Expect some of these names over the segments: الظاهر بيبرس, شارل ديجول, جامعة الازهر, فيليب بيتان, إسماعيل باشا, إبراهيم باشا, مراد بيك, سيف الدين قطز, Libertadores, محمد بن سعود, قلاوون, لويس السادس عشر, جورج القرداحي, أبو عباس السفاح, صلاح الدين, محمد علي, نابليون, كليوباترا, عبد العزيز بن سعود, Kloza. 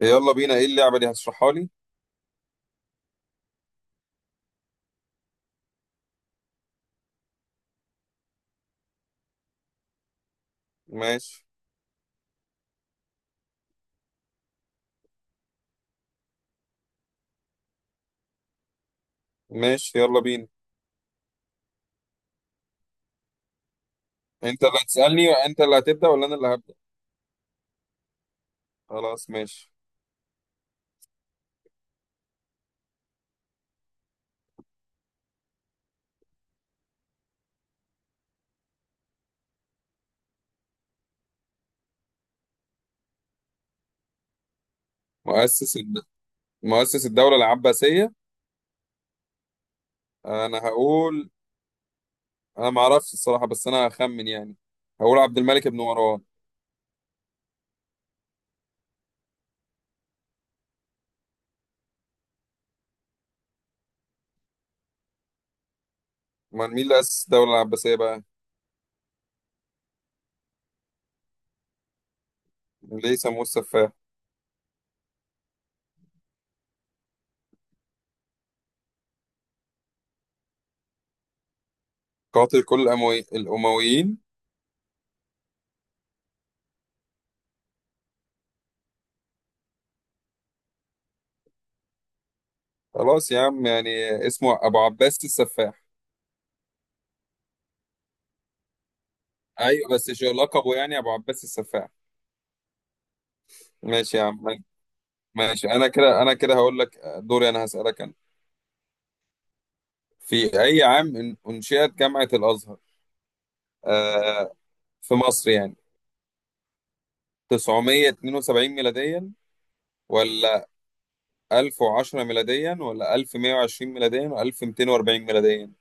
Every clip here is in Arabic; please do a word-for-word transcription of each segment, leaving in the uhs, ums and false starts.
يلا بينا، ايه اللعبة دي؟ هتشرحها لي؟ ماشي. ماشي، يلا بينا. انت اللي هتسألني؟ انت اللي هتبدأ ولا انا اللي هبدأ؟ خلاص، ماشي. مؤسس الد... مؤسس الدولة العباسية. انا هقول، انا ما اعرفش الصراحة، بس انا هخمن يعني. هقول عبد الملك بن مروان. امال مين اللي أسس الدولة العباسية بقى؟ ليه سموه السفاح؟ قاتل كل الأموي... الأمويين. خلاص يا عم يعني، اسمه أبو عباس السفاح. أيوة، بس شو لقبه يعني؟ أبو عباس السفاح. ماشي يا عم. ماشي، انا كده انا كده هقول لك دوري. انا هسألك انا. في اي عام ان- انشئت جامعة الازهر، آه في مصر يعني؟ تسعمائة واثنين وسبعين ميلاديا، ولا ألف وعشرة ميلاديا، ولا ألف ومئة وعشرين ميلاديا، ولا ألف ومئتين وأربعين ميلاديا؟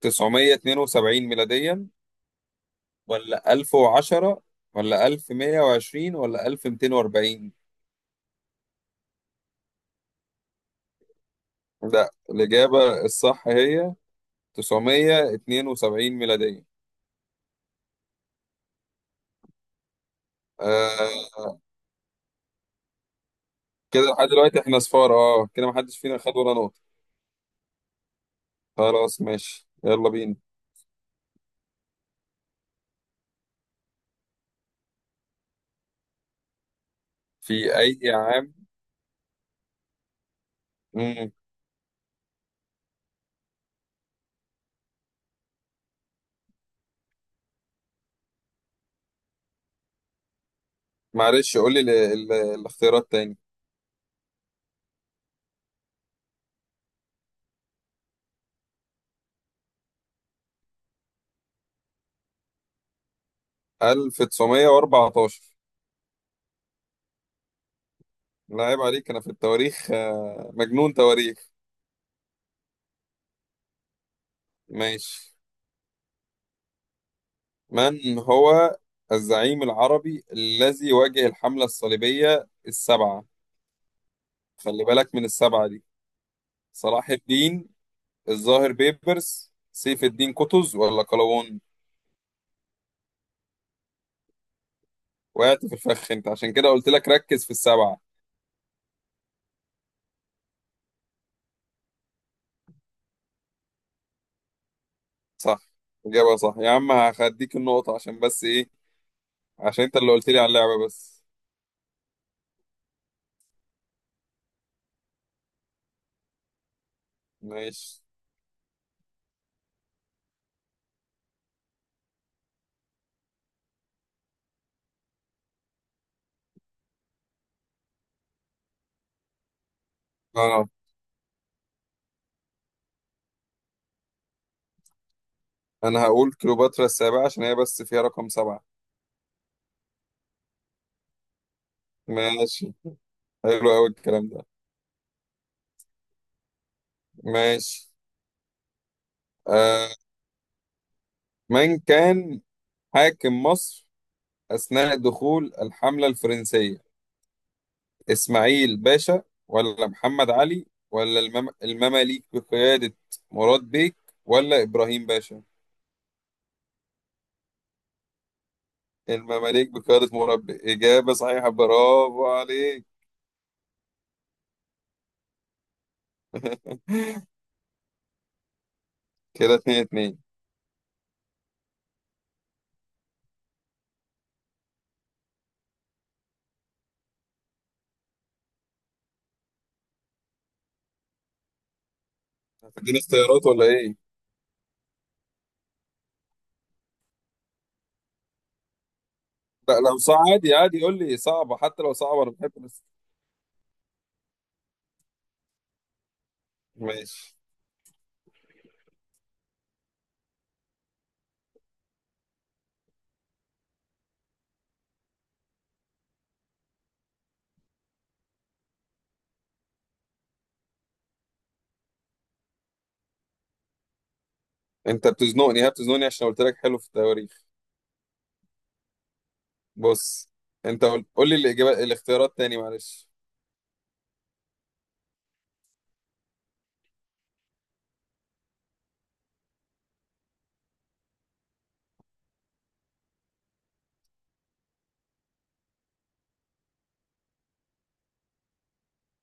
تسعمائة واثنين وسبعين ميلاديا، ولا ألف وعشرة، ولا ألف ومئة وعشرين، ولا ألف ومياتين وأربعين؟ لا، الإجابة الصح هي تسعمية واتنين وسبعين ميلاديا. آه، كده لحد دلوقتي احنا صفار. اه كده محدش فينا خد ولا نقطة. خلاص، ماشي، يلا بينا. في أي عام؟ مم. معلش، قول لي ال- ال- الاختيارات تاني. ألف وتسعمية وأربعتاشر. لا عيب عليك، أنا في التواريخ آه، مجنون تواريخ. ماشي. من هو الزعيم العربي الذي واجه الحملة الصليبية السبعة؟ خلي بالك من السبعة دي. صلاح الدين، الظاهر بيبرس، سيف الدين قطز، ولا قلاوون؟ وقعت في الفخ انت، عشان كده قلت لك ركز في السبعة. صح، إجابة صح يا عم. هخديك النقطة عشان بس إيه؟ عشان أنت اللي قلت لي على اللعبة بس. ماشي. آه أنا هقول كليوباترا السابعة، عشان هي بس فيها رقم سبعة. ماشي، حلو أوي الكلام ده. ماشي. آه من كان حاكم مصر أثناء دخول الحملة الفرنسية؟ إسماعيل باشا، ولا محمد علي، ولا المم... المماليك بقيادة مراد بيك، ولا إبراهيم باشا؟ المماليك بقيادة مربي. إجابة صحيحة، برافو عليك. كده اتنين اتنين. هتديني اختيارات ولا إيه؟ لا، لو صعب عادي عادي قول لي صعبة، حتى لو صعبة أنا بحب بس. ماشي. أنت بتزنقني، ها بتزنقني عشان قلت لك حلو في التواريخ. بص، أنت قول قول لي الإجابات، الاختيارات تاني، معلش.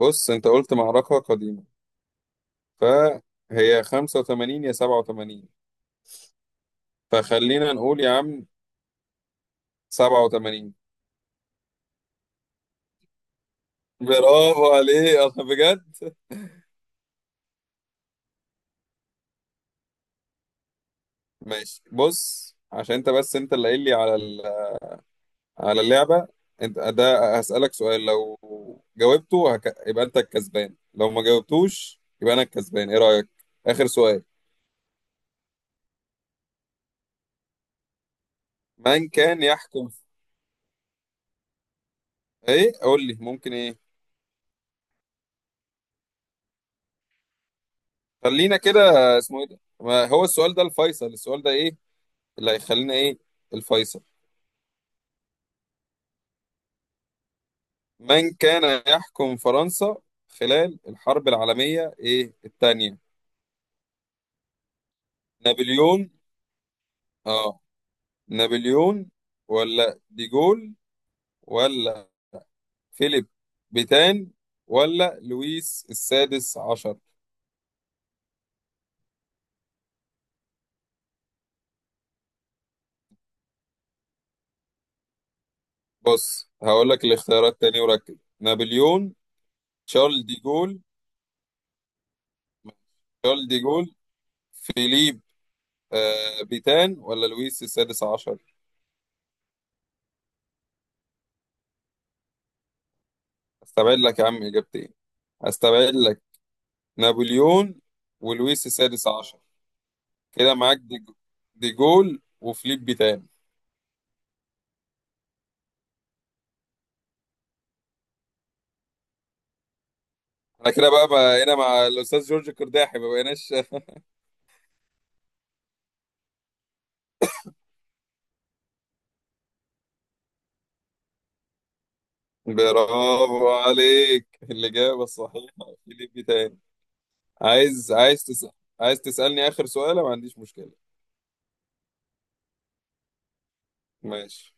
بص أنت قلت معركة قديمة، فهي خمسة وتمانين يا سبعة وتمانين. فخلينا نقول يا عم سبعة وتمانين. برافو عليك. أنا بجد. ماشي. بص عشان انت بس، انت اللي قايل لي على ال- على اللعبه. انت ده هسألك سؤال، لو جاوبته هك... يبقى انت الكسبان، لو ما جاوبتوش يبقى انا الكسبان. ايه رأيك؟ اخر سؤال. من كان يحكم؟ ايه؟ قول لي ممكن ايه؟ خلينا كده. اسمه ايه ده؟ ما هو السؤال ده الفيصل، السؤال ده ايه اللي هيخلينا ايه، الفيصل. من كان يحكم فرنسا خلال الحرب العالمية ايه التانية؟ نابليون. اه، نابليون، ولا ديجول، ولا فيليب بيتان، ولا لويس السادس عشر؟ بص، هقول لك الاختيارات تاني وركز. نابليون، شارل ديجول شارل ديجول، فيليب آه بيتان، ولا لويس السادس عشر. استبعد لك يا عم اجابتين، استبعد لك. نابليون ولويس السادس عشر. كده معاك ديج- ديجول وفيليب بيتان. انا كده بقى، بقى هنا مع الاستاذ جورج القرداحي، ما بقيناش. برافو عليك، الإجابة الصحيحة. في ليك تاني؟ عايز عايز تسأل؟ عايز تسألني آخر سؤال؟ ما عنديش مشكلة. ماشي.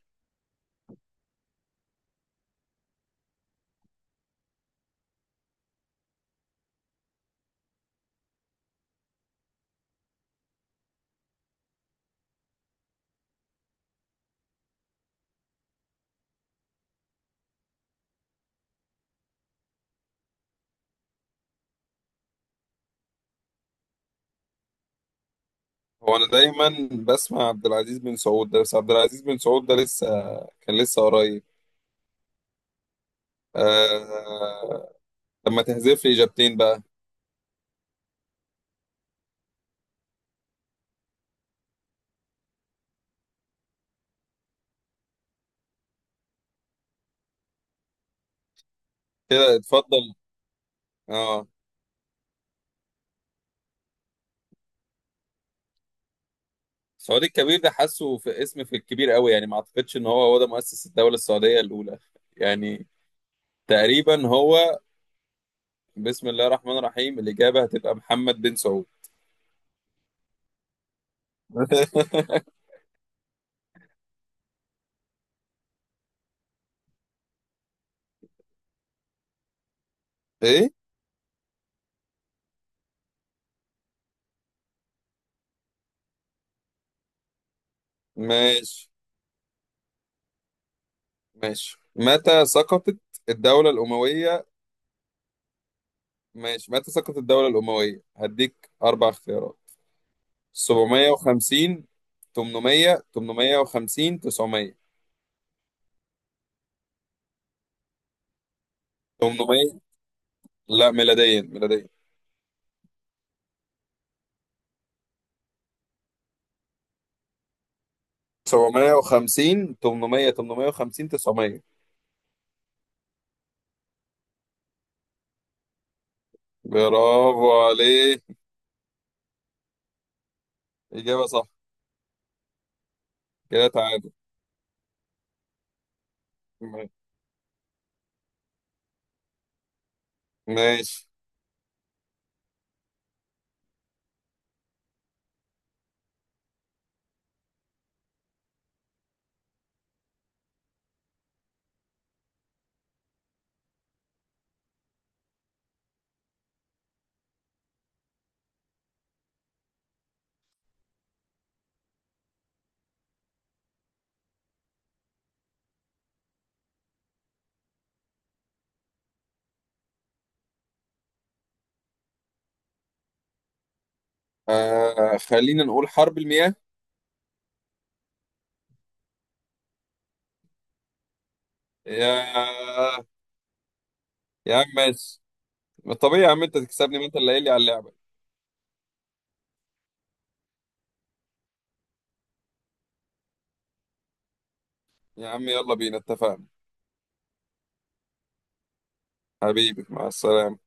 هو أنا دايما بسمع عبد العزيز بن سعود ده، بس عبد العزيز بن سعود ده لسه كان لسه قريب. آه... لما تحذف لي إجابتين بقى. كده اتفضل. اه. سعود الكبير ده، حاسه في اسم، في الكبير قوي يعني، ما اعتقدش ان هو هو ده مؤسس الدولة السعودية الأولى. يعني تقريبا هو. بسم الله الرحمن الرحيم، الإجابة هتبقى محمد بن سعود. ايه؟ ماشي. ماشي، متى سقطت الدولة الأموية؟ ماشي، متى سقطت الدولة الأموية؟ هديك أربع اختيارات. سبعمائة وخمسين، تمنمية، تمنمية وخمسين، تسعمية؟ تمنمية. لا، ميلاديا ميلاديا. سبعمية وخمسين، تمنمية، تمنمية وخمسين، تسعمية. برافو عليك، إجابة صح. كده تعادل. م- ماشي. آه خلينا نقول حرب المياه. يا يا عم ماشي. ما طبيعي يا عم انت تكسبني، ما انت اللي قايل لي على اللعبه. يا عم، يلا بينا، اتفقنا. حبيبي، مع السلامه.